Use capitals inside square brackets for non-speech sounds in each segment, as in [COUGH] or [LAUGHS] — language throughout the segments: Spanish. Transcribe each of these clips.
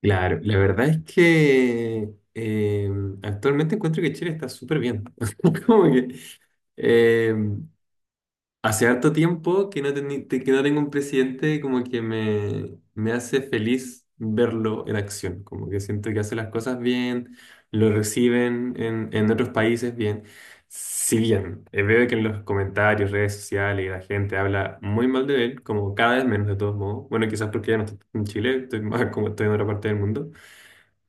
Claro, la verdad es que actualmente encuentro que Chile está súper bien. [LAUGHS] Como que eh, hace harto tiempo que no tengo un presidente como que me hace feliz verlo en acción. Como que siento que hace las cosas bien, lo reciben en otros países bien. Si bien veo que en los comentarios, redes sociales, la gente habla muy mal de él, como cada vez menos de todos modos. Bueno, quizás porque ya no estoy en Chile, estoy más como estoy en otra parte del mundo,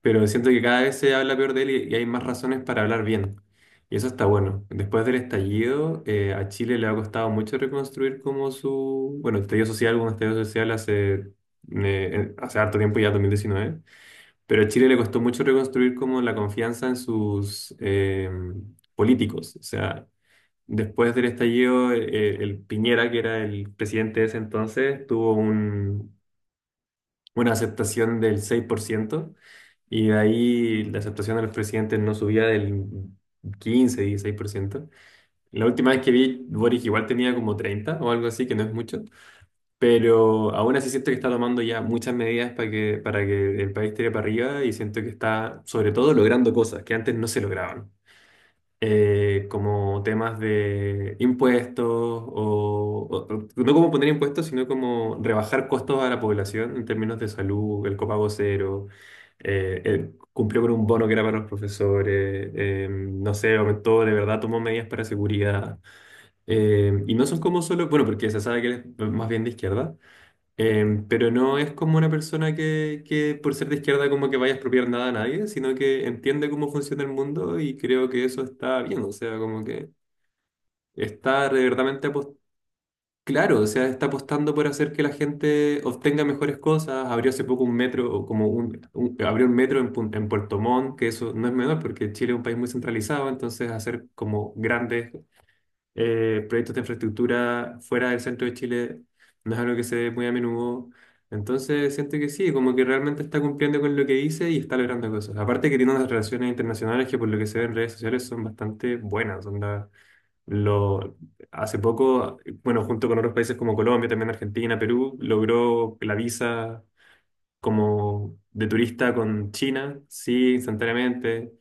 pero siento que cada vez se habla peor de él y hay más razones para hablar bien. Y eso está bueno. Después del estallido, a Chile le ha costado mucho reconstruir como su, bueno, estallido social. Hubo un estallido social hace harto tiempo, ya 2019, pero a Chile le costó mucho reconstruir como la confianza en sus políticos. O sea, después del estallido, el Piñera, que era el presidente de ese entonces, tuvo una aceptación del 6%, y de ahí la aceptación de los presidentes no subía del 15-16%. La última vez que vi, Boric igual tenía como 30 o algo así, que no es mucho, pero aún así siento que está tomando ya muchas medidas para que el país tire para arriba, y siento que está sobre todo logrando cosas que antes no se lograban, como temas de impuestos, no como poner impuestos, sino como rebajar costos a la población en términos de salud, el copago cero, cumplió con un bono que era para los profesores, no sé, aumentó, de verdad tomó medidas para seguridad. Y no son como solo, bueno, porque se sabe que él es más bien de izquierda. Pero no es como una persona que por ser de izquierda como que vaya a expropiar nada a nadie, sino que entiende cómo funciona el mundo y creo que eso está bien. O sea, como que está de verdaderamente claro, o sea, está apostando por hacer que la gente obtenga mejores cosas. Abrió hace poco un metro, o como abrió un metro en Puerto Montt, que eso no es menor porque Chile es un país muy centralizado, entonces hacer como grandes proyectos de infraestructura fuera del centro de Chile no es algo que se ve muy a menudo. Entonces siento que sí, como que realmente está cumpliendo con lo que dice y está logrando cosas. Aparte que tiene unas relaciones internacionales que, por lo que se ve en redes sociales, son bastante buenas. Onda, lo, hace poco, bueno, junto con otros países como Colombia, también Argentina, Perú, logró la visa como de turista con China, sí, instantáneamente.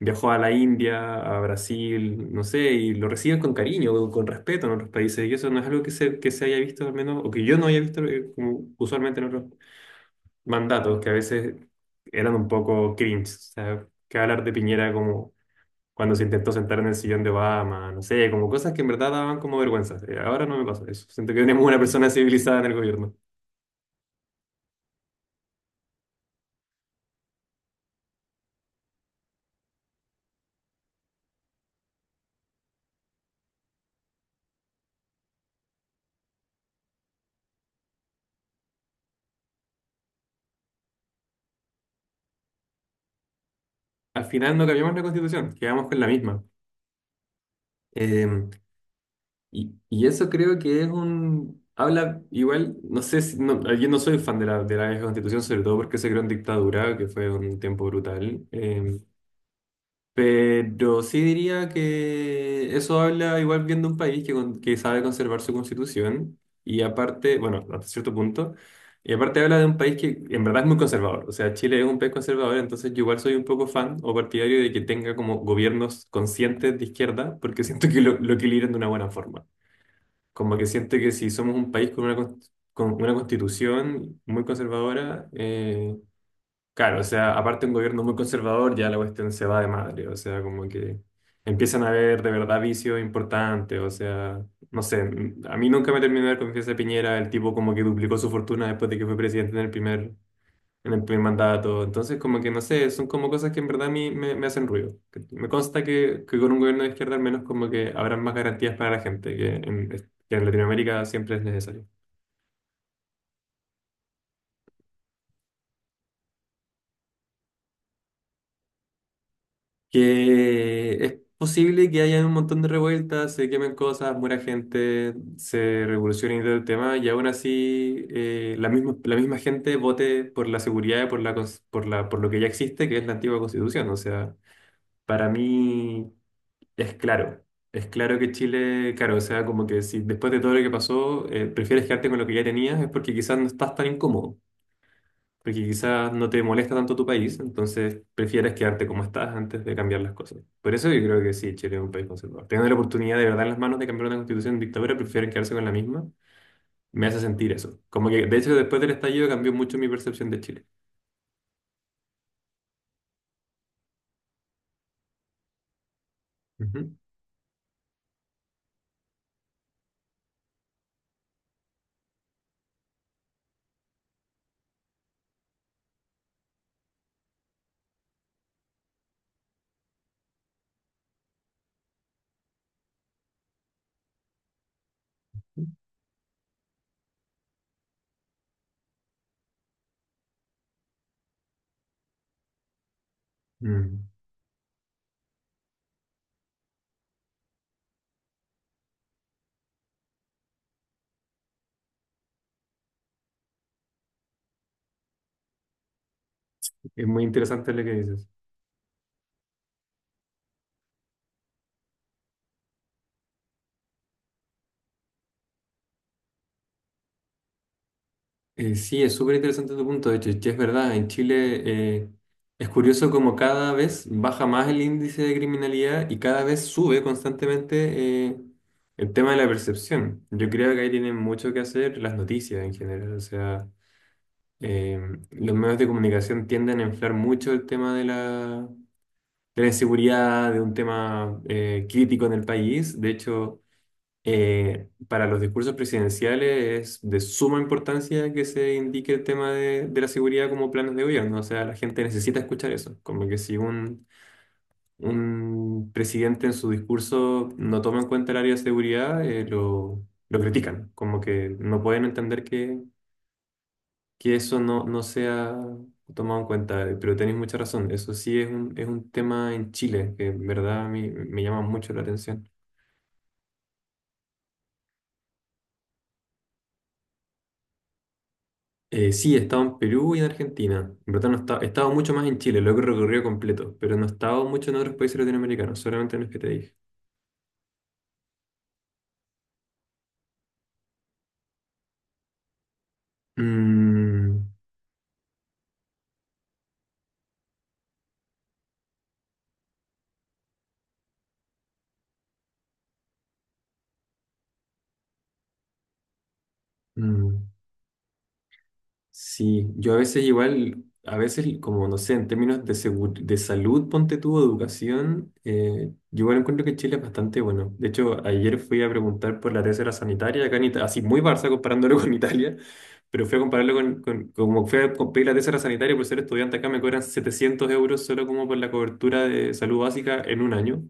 Viajó a la India, a Brasil, no sé, y lo reciben con cariño, con respeto en otros países. Y eso no es algo que se haya visto, al menos, o que yo no haya visto, como usualmente en otros mandatos, que a veces eran un poco cringe. O sea, que hablar de Piñera como cuando se intentó sentar en el sillón de Obama, no sé, como cosas que en verdad daban como vergüenza. Ahora no me pasa eso. Siento que tenemos una persona civilizada en el gobierno. Al final no cambiamos la constitución, quedamos con la misma. Em, y eso creo que es un... Habla igual, no sé si... No, yo no soy fan de la vieja constitución, sobre todo porque se creó en dictadura, que fue un tiempo brutal. Pero sí diría que eso habla igual bien de un país que sabe conservar su constitución. Y aparte, bueno, hasta cierto punto. Y aparte habla de un país que en verdad es muy conservador. O sea, Chile es un país conservador, entonces yo igual soy un poco fan o partidario de que tenga como gobiernos conscientes de izquierda, porque siento que lo equilibran de una buena forma. Como que siento que si somos un país con una constitución muy conservadora, claro, o sea, aparte un gobierno muy conservador, ya la cuestión se va de madre, o sea, como que empiezan a haber de verdad vicios importantes. O sea, no sé, a mí nunca me terminó de dar confianza Piñera, el tipo como que duplicó su fortuna después de que fue presidente en el primer mandato. Entonces, como que no sé, son como cosas que en verdad a mí me hacen ruido. Me consta que con un gobierno de izquierda al menos como que habrán más garantías para la gente, que en Latinoamérica siempre es necesario. Que es posible que haya un montón de revueltas, se quemen cosas, muera gente, se revolucione y todo el tema, y aún así, la misma gente vote por la seguridad y por la, cons- por la, por lo que ya existe, que es la antigua constitución. O sea, para mí... Es claro, es claro que Chile, claro, o sea, como que si después de todo lo que pasó, prefieres quedarte con lo que ya tenías, es porque quizás no estás tan incómodo, porque quizás no te molesta tanto tu país, entonces prefieres quedarte como estás antes de cambiar las cosas. Por eso yo creo que sí, Chile es un país conservador. Teniendo la oportunidad de verdad en las manos de cambiar una constitución en dictadura, prefieren quedarse con la misma. Me hace sentir eso. Como que, de hecho, después del estallido cambió mucho mi percepción de Chile. Ujú. Mm. Es muy interesante lo que dices. Sí, es súper interesante tu punto, de hecho, que es verdad. En Chile es curioso como cada vez baja más el índice de criminalidad y cada vez sube constantemente el tema de la percepción. Yo creo que ahí tienen mucho que hacer las noticias en general, o sea, eh, los medios de comunicación tienden a inflar mucho el tema de la inseguridad, de un tema crítico en el país, de hecho... Para los discursos presidenciales es de suma importancia que se indique el tema de la seguridad como planes de gobierno. O sea, la gente necesita escuchar eso. Como que si un presidente en su discurso no toma en cuenta el área de seguridad, lo critican. Como que no pueden entender que eso no sea tomado en cuenta. Pero tenéis mucha razón. Eso sí es un tema en Chile que en verdad a mí me llama mucho la atención. Sí, he estado en Perú y en Argentina. En verdad no he estado, he estado mucho más en Chile, lo he recorrido completo, pero no he estado mucho en otros países latinoamericanos, solamente en los que te dije. Mm, mm. Sí, yo a veces igual, a veces como no sé, en términos de salud, ponte tú, educación, yo igual encuentro que Chile es bastante bueno. De hecho, ayer fui a preguntar por la tercera sanitaria acá en Italia, así muy Barça comparándolo [LAUGHS] con Italia, pero fui a compararlo con como fui a pedir la tercera sanitaria. Por ser estudiante acá me cobran 700 € solo como por la cobertura de salud básica en un año.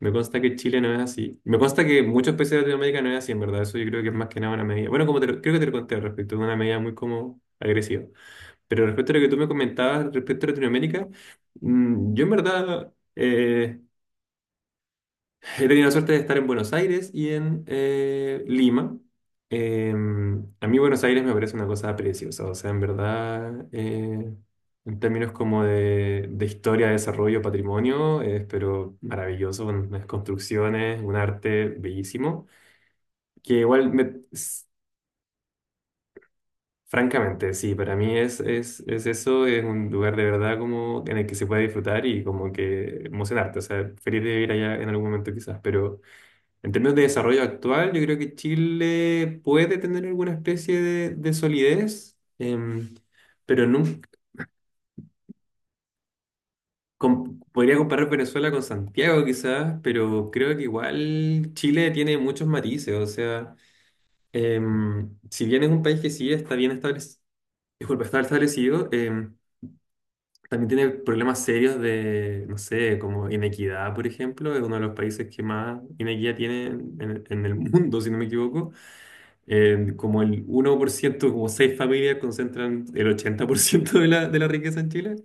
Me consta que Chile no es así. Me consta que muchos países de Latinoamérica no es así, en verdad. Eso yo creo que es más que nada una medida. Bueno, como creo que te lo conté al respecto, una medida muy como agresiva. Pero respecto a lo que tú me comentabas respecto a Latinoamérica, yo en verdad he tenido la suerte de estar en Buenos Aires y en Lima. A mí Buenos Aires me parece una cosa preciosa, o sea, en verdad, en términos como de historia, desarrollo, patrimonio, es pero maravilloso, con unas construcciones, un arte bellísimo, que igual, francamente, sí, para mí es eso, es un lugar de verdad como en el que se puede disfrutar y como que emocionarte, o sea, feliz de ir allá en algún momento quizás, pero... En términos de desarrollo actual, yo creo que Chile puede tener alguna especie de solidez, pero nunca, podría comparar Venezuela con Santiago quizás, pero creo que igual Chile tiene muchos matices. O sea, si bien es un país que sí está bien establecido, disculpa, está establecido, también tiene problemas serios de, no sé, como inequidad, por ejemplo, es uno de los países que más inequidad tiene en el mundo, si no me equivoco. En como el 1%, como seis familias concentran el 80% de la riqueza en Chile.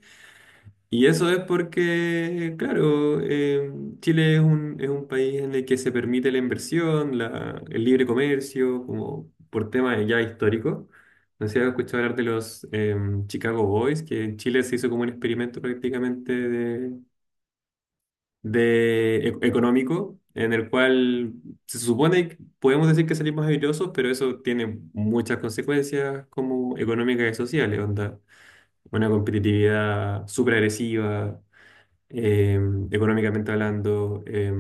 Y eso es porque, claro, Chile es un país en el que se permite la inversión, el libre comercio, como por temas ya históricos. No sé si has escuchado hablar de los Chicago Boys, que en Chile se hizo como un experimento prácticamente económico, en el cual se supone que podemos decir que salimos airosos, pero eso tiene muchas consecuencias como económicas y sociales, onda, una competitividad súper agresiva, eh, económicamente hablando,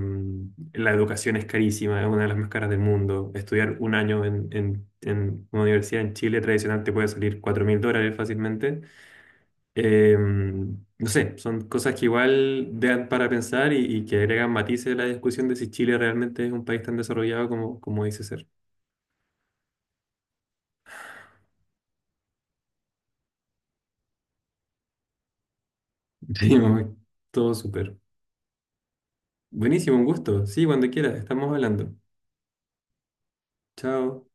la educación es carísima, es una de las más caras del mundo. Estudiar un año en una universidad en Chile tradicional te puede salir 4.000 dólares fácilmente. No sé, son cosas que igual dan para pensar y que agregan matices a la discusión de si Chile realmente es un país tan desarrollado como dice ser. [LAUGHS] Sí, todo súper. Buenísimo, un gusto. Sí, cuando quieras, estamos hablando. Chao.